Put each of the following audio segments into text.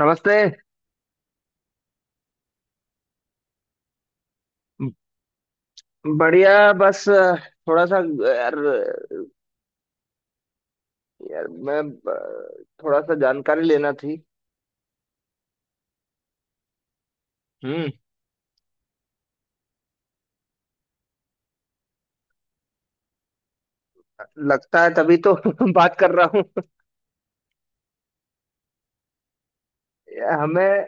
नमस्ते। ब- बढ़िया, बस थोड़ा सा, यार। यार मैं थोड़ा सा जानकारी लेना थी। हम्म। लगता है तभी तो बात कर रहा हूँ। यार, हमें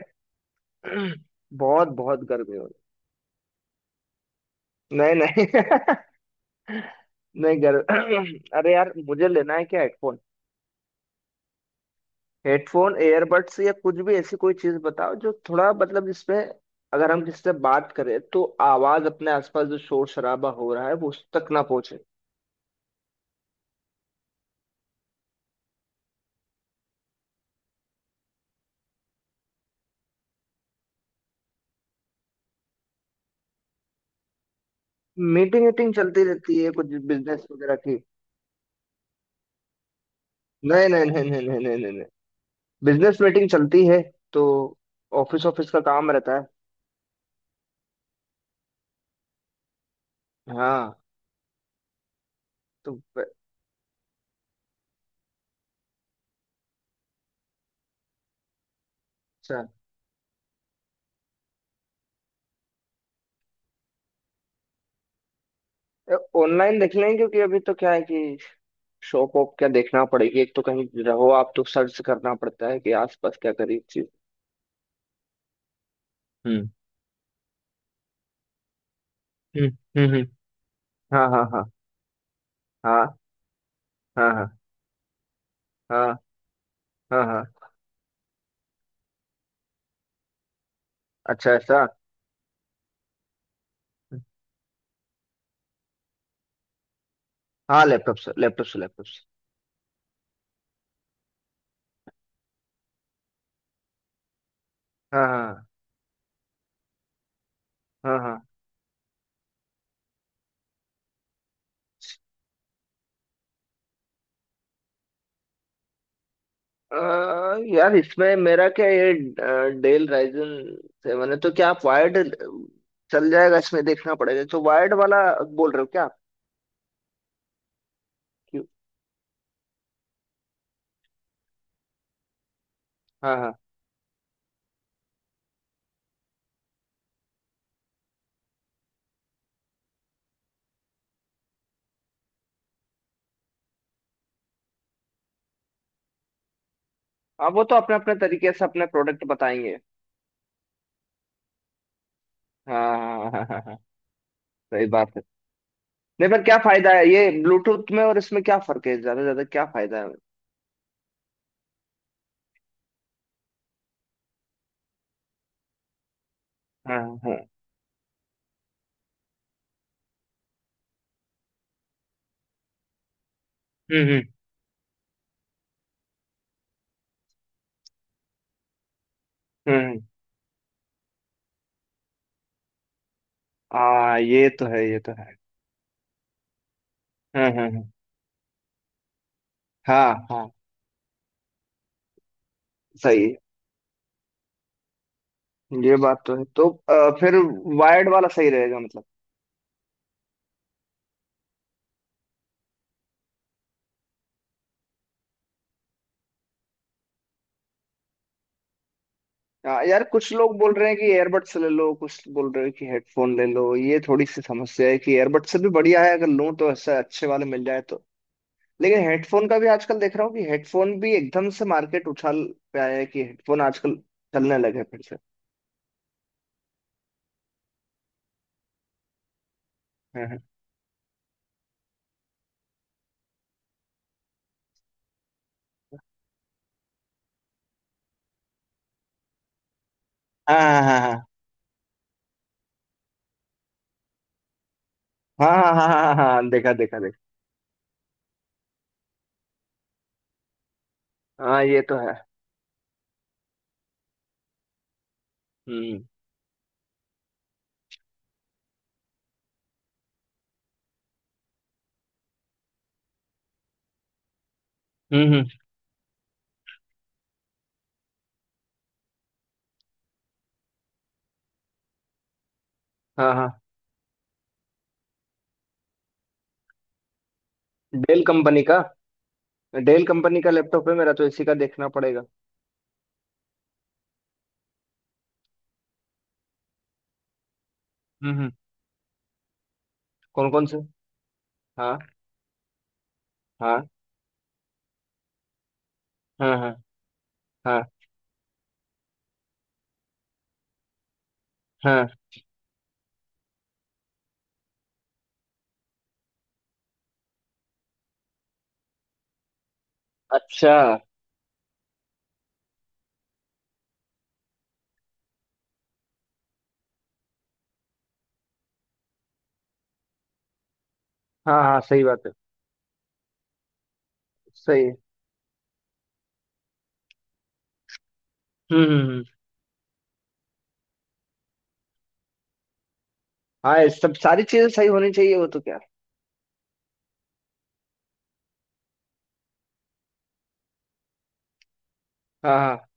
बहुत बहुत गर्मी हो रही। नहीं, नहीं। नहीं गर अरे यार, मुझे लेना है क्या हेडफोन? हेडफोन, एयरबड्स या कुछ भी ऐसी कोई चीज बताओ जो थोड़ा मतलब जिसमें अगर हम किससे बात करें तो आवाज अपने आसपास जो शोर शराबा हो रहा है वो उस तक ना पहुंचे। मीटिंग वीटिंग चलती रहती है, कुछ बिजनेस वगैरह की। नहीं, नहीं, नहीं, नहीं, नहीं, नहीं, नहीं, नहीं। बिजनेस मीटिंग चलती है तो ऑफिस ऑफिस का काम रहता है। हाँ। तो अच्छा, ऑनलाइन देख लें क्योंकि अभी तो क्या है कि शॉप वॉप क्या देखना पड़ेगी। एक तो कहीं रहो आप तो सर्च करना पड़ता है कि आसपास क्या करी चीज। हम्म, हम्म। हम्म, हाँ हाँ, हाँ, हाँ। हाँ, हाँ। हाँ, हाँ, हाँ। अच्छा, ऐसा। हाँ, लैपटॉप से लैपटॉप से लैपटॉप से। हाँ, हाँ। हाँ, हाँ। अ, यार, इसमें मेरा क्या ये डेल राइजन 7 है तो क्या आप वायर्ड चल जाएगा इसमें देखना पड़ेगा। तो वायर्ड वाला बोल रहे हो क्या आप? क्यों? हाँ, हाँ, हाँ। वो तो अपने अपने तरीके से अपने प्रोडक्ट बताएंगे। हाँ, हाँ, हाँ, हाँ, हाँ। सही बात है। नहीं, पर क्या फायदा है ये ब्लूटूथ में और इसमें क्या फर्क है? ज्यादा से ज्यादा क्या फायदा है? हाँ। हाँ। हम्म, हम्म। हम्म। हाँ, ये तो है, ये तो है। हाँ, हाँ, हाँ, हाँ, हाँ। सही है ये बात तो है। तो फिर वायर्ड वाला सही रहेगा, मतलब? हाँ, यार, कुछ लोग बोल रहे हैं कि एयरबड्स ले लो, कुछ बोल रहे हैं कि हेडफोन ले लो। ये थोड़ी सी समस्या है कि एयरबड्स से भी बढ़िया है अगर लूँ तो ऐसे अच्छे वाले मिल जाए तो। लेकिन हेडफोन का भी आजकल देख रहा हूँ कि हेडफोन भी एकदम से मार्केट उछाल पे आया है कि हेडफोन आजकल चलने लगे फिर से। हाँ, हाँ, हाँ, हाँ, हाँ, हाँ, हाँ, हाँ, हाँ, हाँ, हाँ, हाँ, देखा, देखा, देखा। हाँ, ये तो है। हम्म, हम्म, हम्म। हाँ, हाँ। डेल कंपनी का डेल कंपनी का लैपटॉप है मेरा तो इसी का देखना पड़ेगा। हम्म, हम्म। कौन कौन से? हाँ। हाँ, हाँ, हाँ, हाँ। हाँ। अच्छा। हाँ, हाँ, सही बात है। सही है। हम्म, हम्म, हाँ, ये सब सारी चीजें सही होनी चाहिए वो तो क्या। हाँ, हाँ।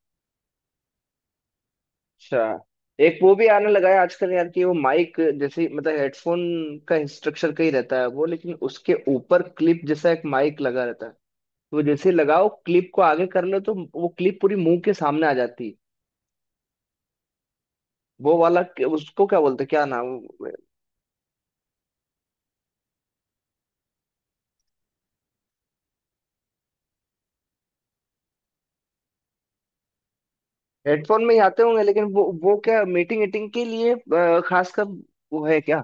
अच्छा, एक वो भी आने लगा है आजकल, यार, कि वो माइक जैसे मतलब हेडफोन का स्ट्रक्चर का ही रहता है वो, लेकिन उसके ऊपर क्लिप जैसा एक माइक लगा रहता है। तो जैसे लगाओ क्लिप को आगे कर लो तो वो क्लिप पूरी मुंह के सामने आ जाती है। वो वाला, उसको क्या बोलते हैं, क्या नाम? हेडफोन में ही आते होंगे लेकिन वो क्या मीटिंग मीटिंग के लिए खासकर। वो है क्या?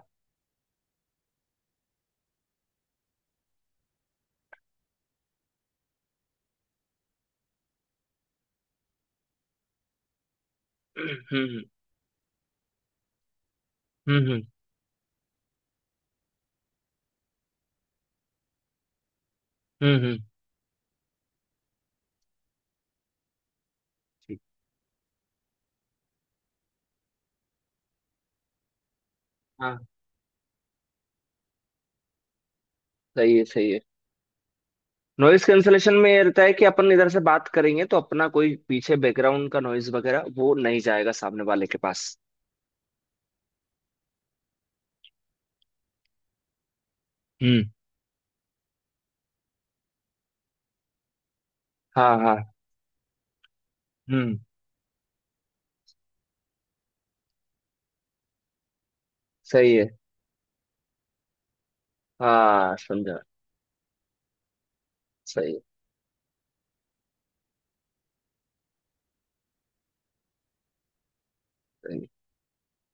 हम्म, हम्म, हम्म, हम्म, हम्म। हाँ, सही है, सही है। नॉइज कैंसलेशन में ये रहता है कि अपन इधर से बात करेंगे तो अपना कोई पीछे बैकग्राउंड का नॉइज वगैरह वो नहीं जाएगा सामने वाले के पास। हम्म। हाँ, हाँ। हम्म। सही है। हाँ, समझा। सही है। सही है।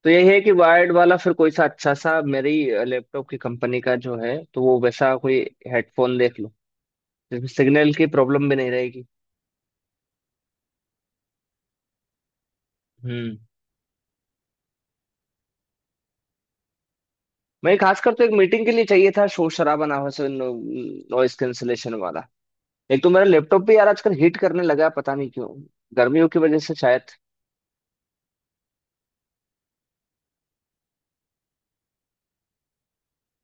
तो यही है कि वायर्ड वाला फिर कोई सा अच्छा सा मेरी लैपटॉप की कंपनी का जो है तो वो वैसा कोई हेडफोन देख लो जिसमें सिग्नल की प्रॉब्लम भी नहीं रहेगी। हम्म। मैं खासकर तो एक मीटिंग के लिए चाहिए था, शोर शराबा ना हो, नॉइस कैंसलेशन वाला। एक तो मेरा लैपटॉप भी यार आजकल हीट करने लगा है, पता नहीं क्यों, गर्मियों की वजह से शायद।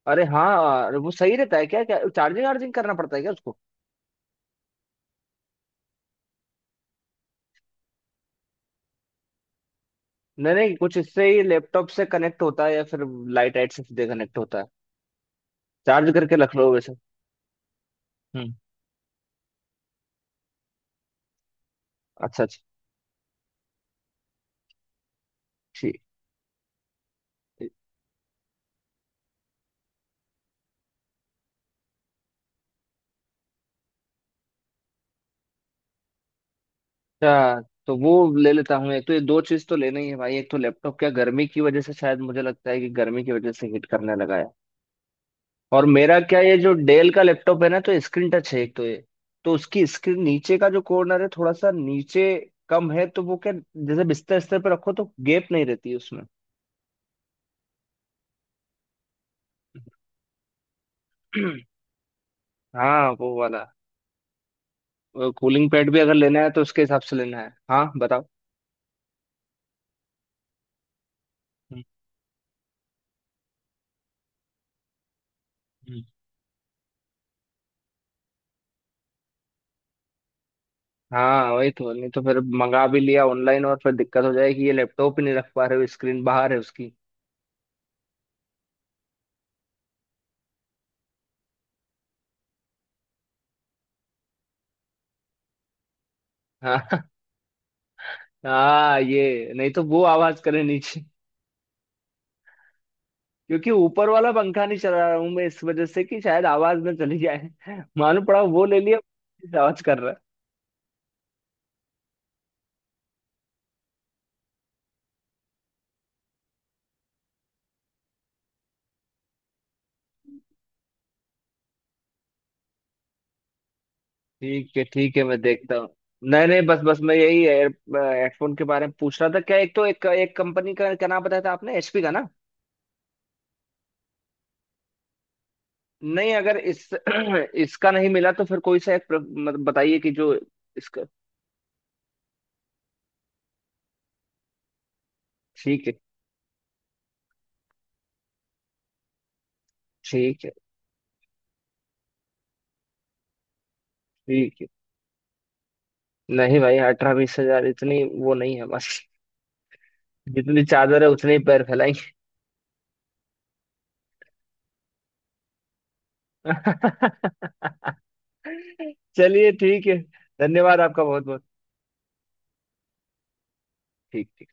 अरे हाँ, अरे वो सही रहता है क्या? क्या चार्जिंग वार्जिंग करना पड़ता है क्या उसको? नहीं, नहीं, कुछ इससे ही लैपटॉप से कनेक्ट होता है या फिर लाइट लाइट से सीधे कनेक्ट होता है? चार्ज करके रख लो वैसे। हम्म। अच्छा, अच्छा। ठीक। अच्छा। तो वो ले लेता हूँ। एक तो ये दो चीज तो लेना ही है भाई। एक तो लैपटॉप क्या गर्मी की वजह से शायद मुझे लगता है कि गर्मी की वजह से हीट करने लगा है। और मेरा क्या ये जो डेल का लैपटॉप है ना तो स्क्रीन टच है, एक तो ये। तो उसकी स्क्रीन नीचे का जो कॉर्नर है थोड़ा सा नीचे कम है तो वो क्या जैसे बिस्तर बिस्तर पे रखो तो गैप नहीं रहती उसमें। हाँ, वो वाला कूलिंग पैड भी अगर लेना है तो उसके हिसाब से लेना है। हाँ, बताओ। हम्म, हम्म। हाँ, वही तो। नहीं तो फिर मंगा भी लिया ऑनलाइन और फिर दिक्कत हो जाएगी, ये लैपटॉप ही नहीं रख पा रहे हो, स्क्रीन बाहर है उसकी। हाँ हाँ, ये नहीं तो वो आवाज करे नीचे, क्योंकि ऊपर वाला पंखा नहीं चला रहा हूं मैं इस वजह से कि शायद आवाज में चली जाए। मालूम पड़ा वो ले लिया। आवाज कर रहा है। ठीक है, ठीक है, मैं देखता हूँ। नहीं, नहीं, बस बस मैं यही हेडफोन के बारे में पूछ रहा था क्या। एक तो एक एक कंपनी का नाम बताया था आपने, एचपी का, ना? नहीं, अगर इस इसका नहीं मिला तो फिर कोई सा एक मतलब बताइए कि जो इसका। ठीक है, ठीक है, ठीक है। नहीं भाई, 18-20 हजार इतनी वो नहीं है बस। जितनी चादर है उतने ही पैर फैलाएंगे। चलिए, ठीक है। धन्यवाद आपका बहुत बहुत। ठीक।